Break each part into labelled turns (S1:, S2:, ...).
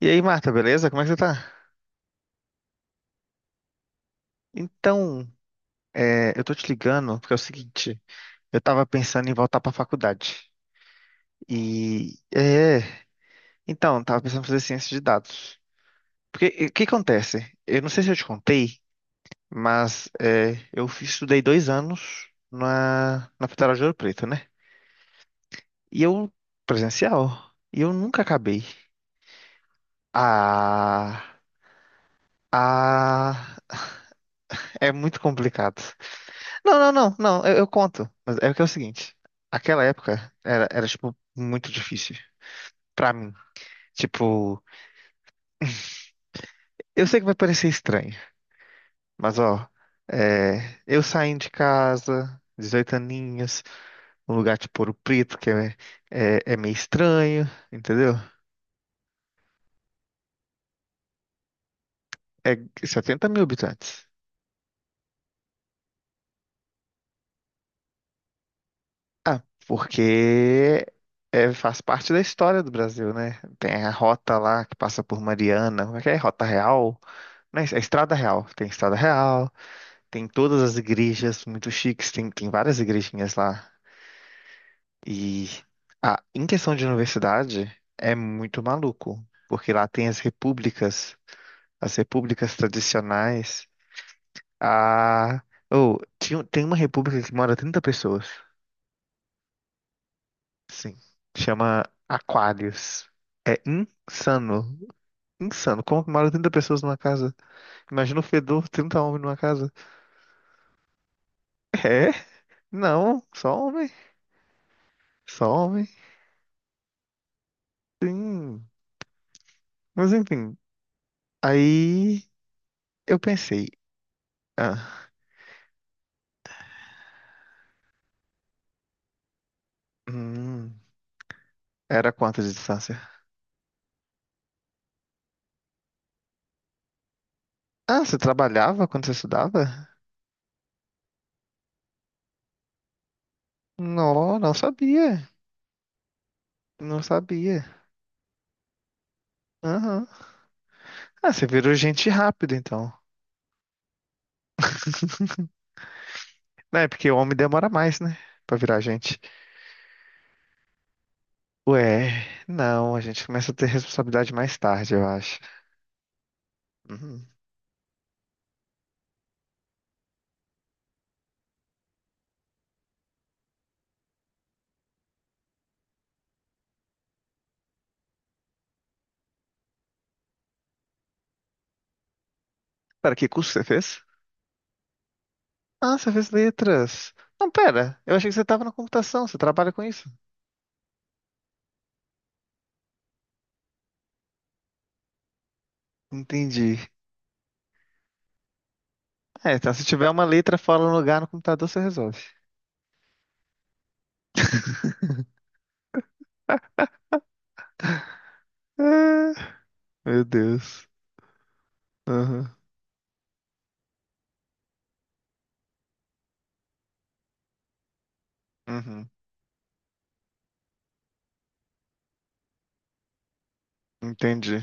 S1: E aí, Marta, beleza? Como é que você tá? Então, eu tô te ligando porque é o seguinte, eu tava pensando em voltar pra faculdade. E, então, tava pensando em fazer ciência de dados. Porque, o que acontece? Eu não sei se eu te contei, mas estudei 2 anos na Federal de Ouro Preto, né? E eu, presencial, e eu nunca acabei. Ah, ah, é muito complicado. Não, não, não, não, eu conto. Mas é que é o seguinte, aquela época era, tipo, muito difícil pra mim. Tipo, eu sei que vai parecer estranho, mas ó, eu saindo de casa, 18 aninhos, um lugar tipo Ouro Preto, que é meio estranho, entendeu? É 70 mil habitantes. Ah, porque faz parte da história do Brasil, né? Tem a rota lá que passa por Mariana, como é que é? Rota Real? Não, é Estrada Real. Tem todas as igrejas muito chiques, tem várias igrejinhas lá. E em questão de universidade, é muito maluco, porque lá tem as repúblicas tradicionais. Ah, oh, tem uma república que mora 30 pessoas, sim, chama Aquários. É insano, insano. Como que mora 30 pessoas numa casa? Imagina o fedor, 30 homens numa casa. É? Não, só homem, só homem. Sim. Mas enfim, aí eu pensei, ah, hum, era quanto de distância? Ah, você trabalhava quando você estudava? Não, não sabia. Não sabia. Aham. Ah, você virou gente rápido, então. Não, é porque o homem demora mais, né? Pra virar gente. Ué, não, a gente começa a ter responsabilidade mais tarde, eu acho. Uhum. Pera, que curso você fez? Ah, você fez letras. Não, pera, eu achei que você tava na computação, você trabalha com isso. Entendi. É, então se tiver uma letra fora do lugar no computador, você resolve. Ah, meu Deus. Aham. Uhum. Entendi.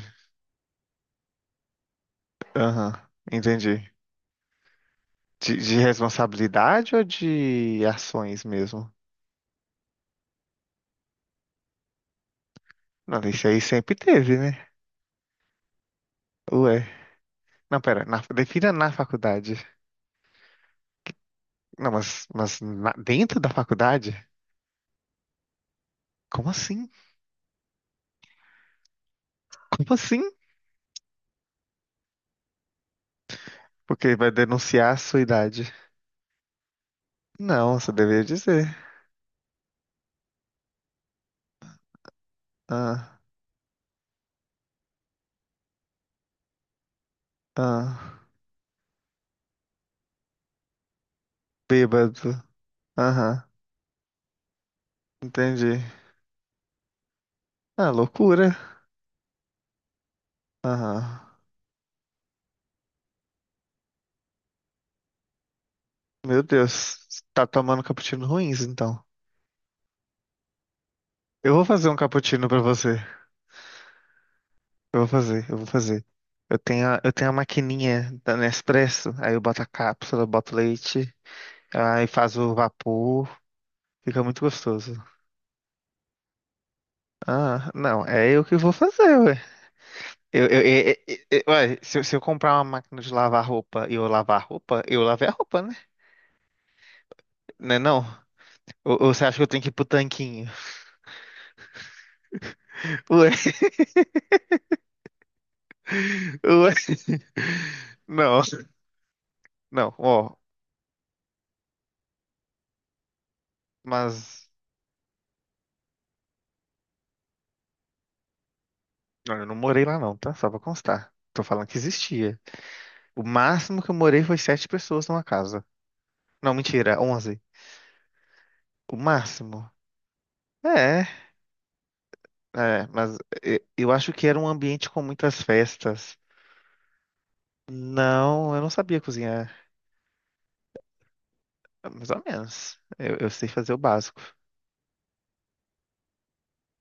S1: Aham. Entendi. De responsabilidade ou de ações mesmo? Não, isso aí sempre teve, né? Ué. Não, pera. Defina na faculdade. Não, mas dentro da faculdade? Como assim? Como assim? Porque vai denunciar a sua idade. Não, você deveria dizer. Ah, ah. Bêbado. Aham. Entendi. Ah, loucura. Aham. Meu Deus. Tá tomando cappuccino ruins, então. Eu vou fazer um cappuccino pra você. Eu vou fazer, eu vou fazer. Eu tenho a maquininha da Nespresso, aí eu boto a cápsula, boto leite, aí faz o vapor, fica muito gostoso. Ah, não, é eu que vou fazer, ué. Eu ué, se eu comprar uma máquina de lavar roupa e eu lavar a roupa, eu lavei a roupa, né? Né não? Ou você acha que eu tenho que ir pro tanquinho? Ué, ué. Não. Não, ó, mas. Olha, eu não morei lá não, tá? Só pra constar. Tô falando que existia. O máximo que eu morei foi sete pessoas numa casa. Não, mentira, 11. O máximo. É, é, mas eu acho que era um ambiente com muitas festas. Não, eu não sabia cozinhar. Mais ou menos. Eu sei fazer o básico.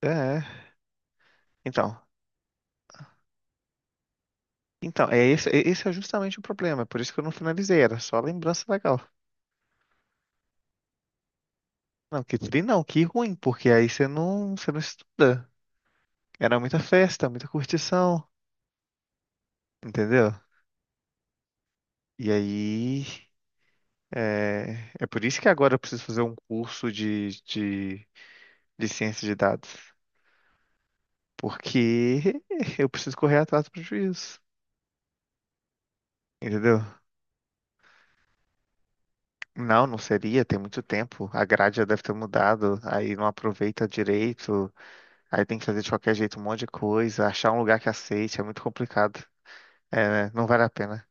S1: É, então. Então, esse é justamente o problema. Por isso que eu não finalizei, era só lembrança legal. Não, que tri não, que ruim, porque aí você não estuda. Era muita festa, muita curtição, entendeu? E aí, é por isso que agora eu preciso fazer um curso de ciência de dados. Porque eu preciso correr atrás do prejuízo, entendeu? Não, não seria, tem muito tempo. A grade já deve ter mudado, aí não aproveita direito, aí tem que fazer de qualquer jeito um monte de coisa, achar um lugar que aceite, é muito complicado. É, né? Não vale a pena,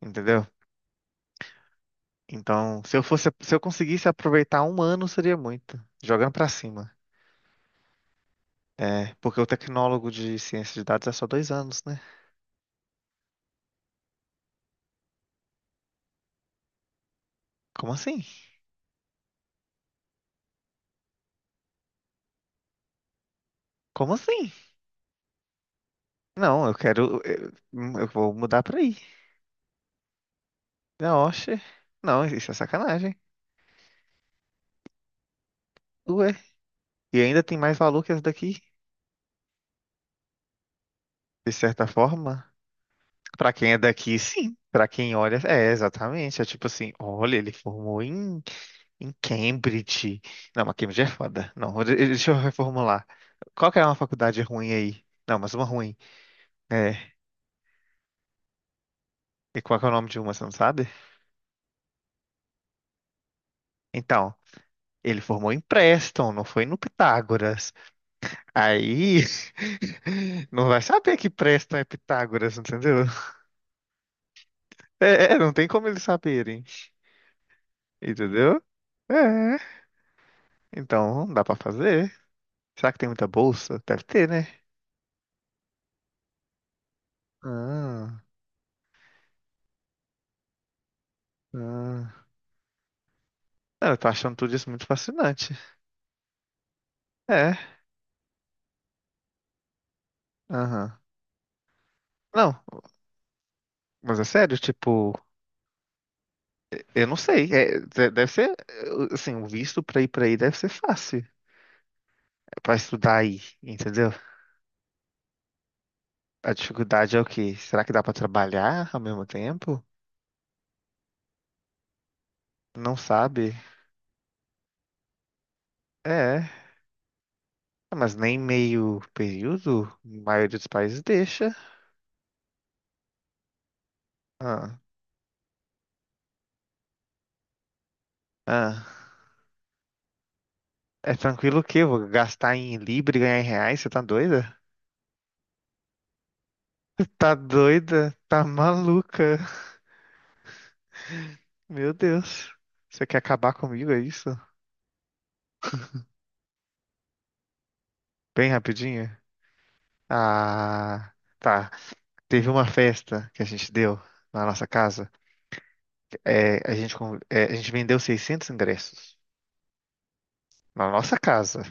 S1: entendeu? Então, se eu fosse, se eu conseguisse aproveitar um ano, seria muito. Jogando pra cima. É, porque o tecnólogo de ciência de dados é só 2 anos, né? Como assim? Como assim? Não, eu quero. Eu vou mudar pra aí. Não, oxe. Não, isso é sacanagem. Ué. E ainda tem mais valor que essa daqui, de certa forma. Pra quem é daqui, sim. Pra quem olha, é, exatamente. É tipo assim, olha, ele formou em Cambridge. Não, mas Cambridge é foda. Não, deixa eu reformular. Qual que é uma faculdade ruim aí? Não, mas uma ruim. É. E qual que é o nome de uma, você não sabe? Então, ele formou em Preston, não foi no Pitágoras. Aí, não vai saber que Preston é Pitágoras, entendeu? É, não tem como eles saberem, entendeu? É, então, não dá pra fazer. Será que tem muita bolsa? Deve ter, né? Ah, ah. Não, eu tô achando tudo isso muito fascinante. É, aham. Não, mas é sério, tipo. Eu não sei, deve ser, assim, o visto pra ir pra aí deve ser fácil, é pra estudar aí, entendeu? A dificuldade é o quê? Será que dá pra trabalhar ao mesmo tempo? Não sabe? É, mas nem meio período, a maioria dos países deixa. Ah, ah. É tranquilo o quê? Eu vou gastar em libra e ganhar em reais? Você tá doida? Tá doida? Tá maluca? Meu Deus. Você quer acabar comigo, é isso? Bem rapidinho? Ah, tá. Teve uma festa que a gente deu na nossa casa. É, a gente vendeu 600 ingressos na nossa casa.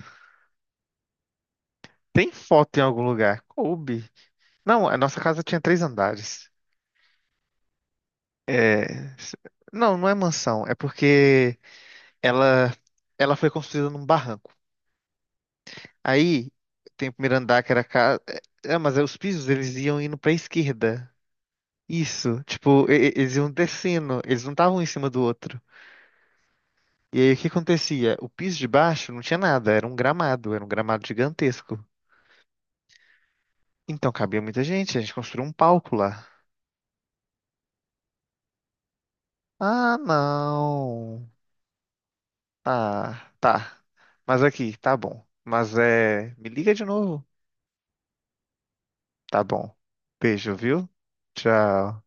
S1: Tem foto em algum lugar? Coube. Não, a nossa casa tinha três andares. É, s- não, não é mansão. É porque ela, ela foi construída num barranco. Aí tem o primeiro andar que era casa. É, mas aí os pisos eles iam indo pra esquerda. Isso, tipo, eles iam descendo, eles não estavam em cima do outro. E aí o que acontecia? O piso de baixo não tinha nada, era um gramado gigantesco. Então cabia muita gente, a gente construiu um palco lá. Ah, não. Ah, tá. Mas aqui, tá bom. Mas é. Me liga de novo. Tá bom. Beijo, viu? Tchau.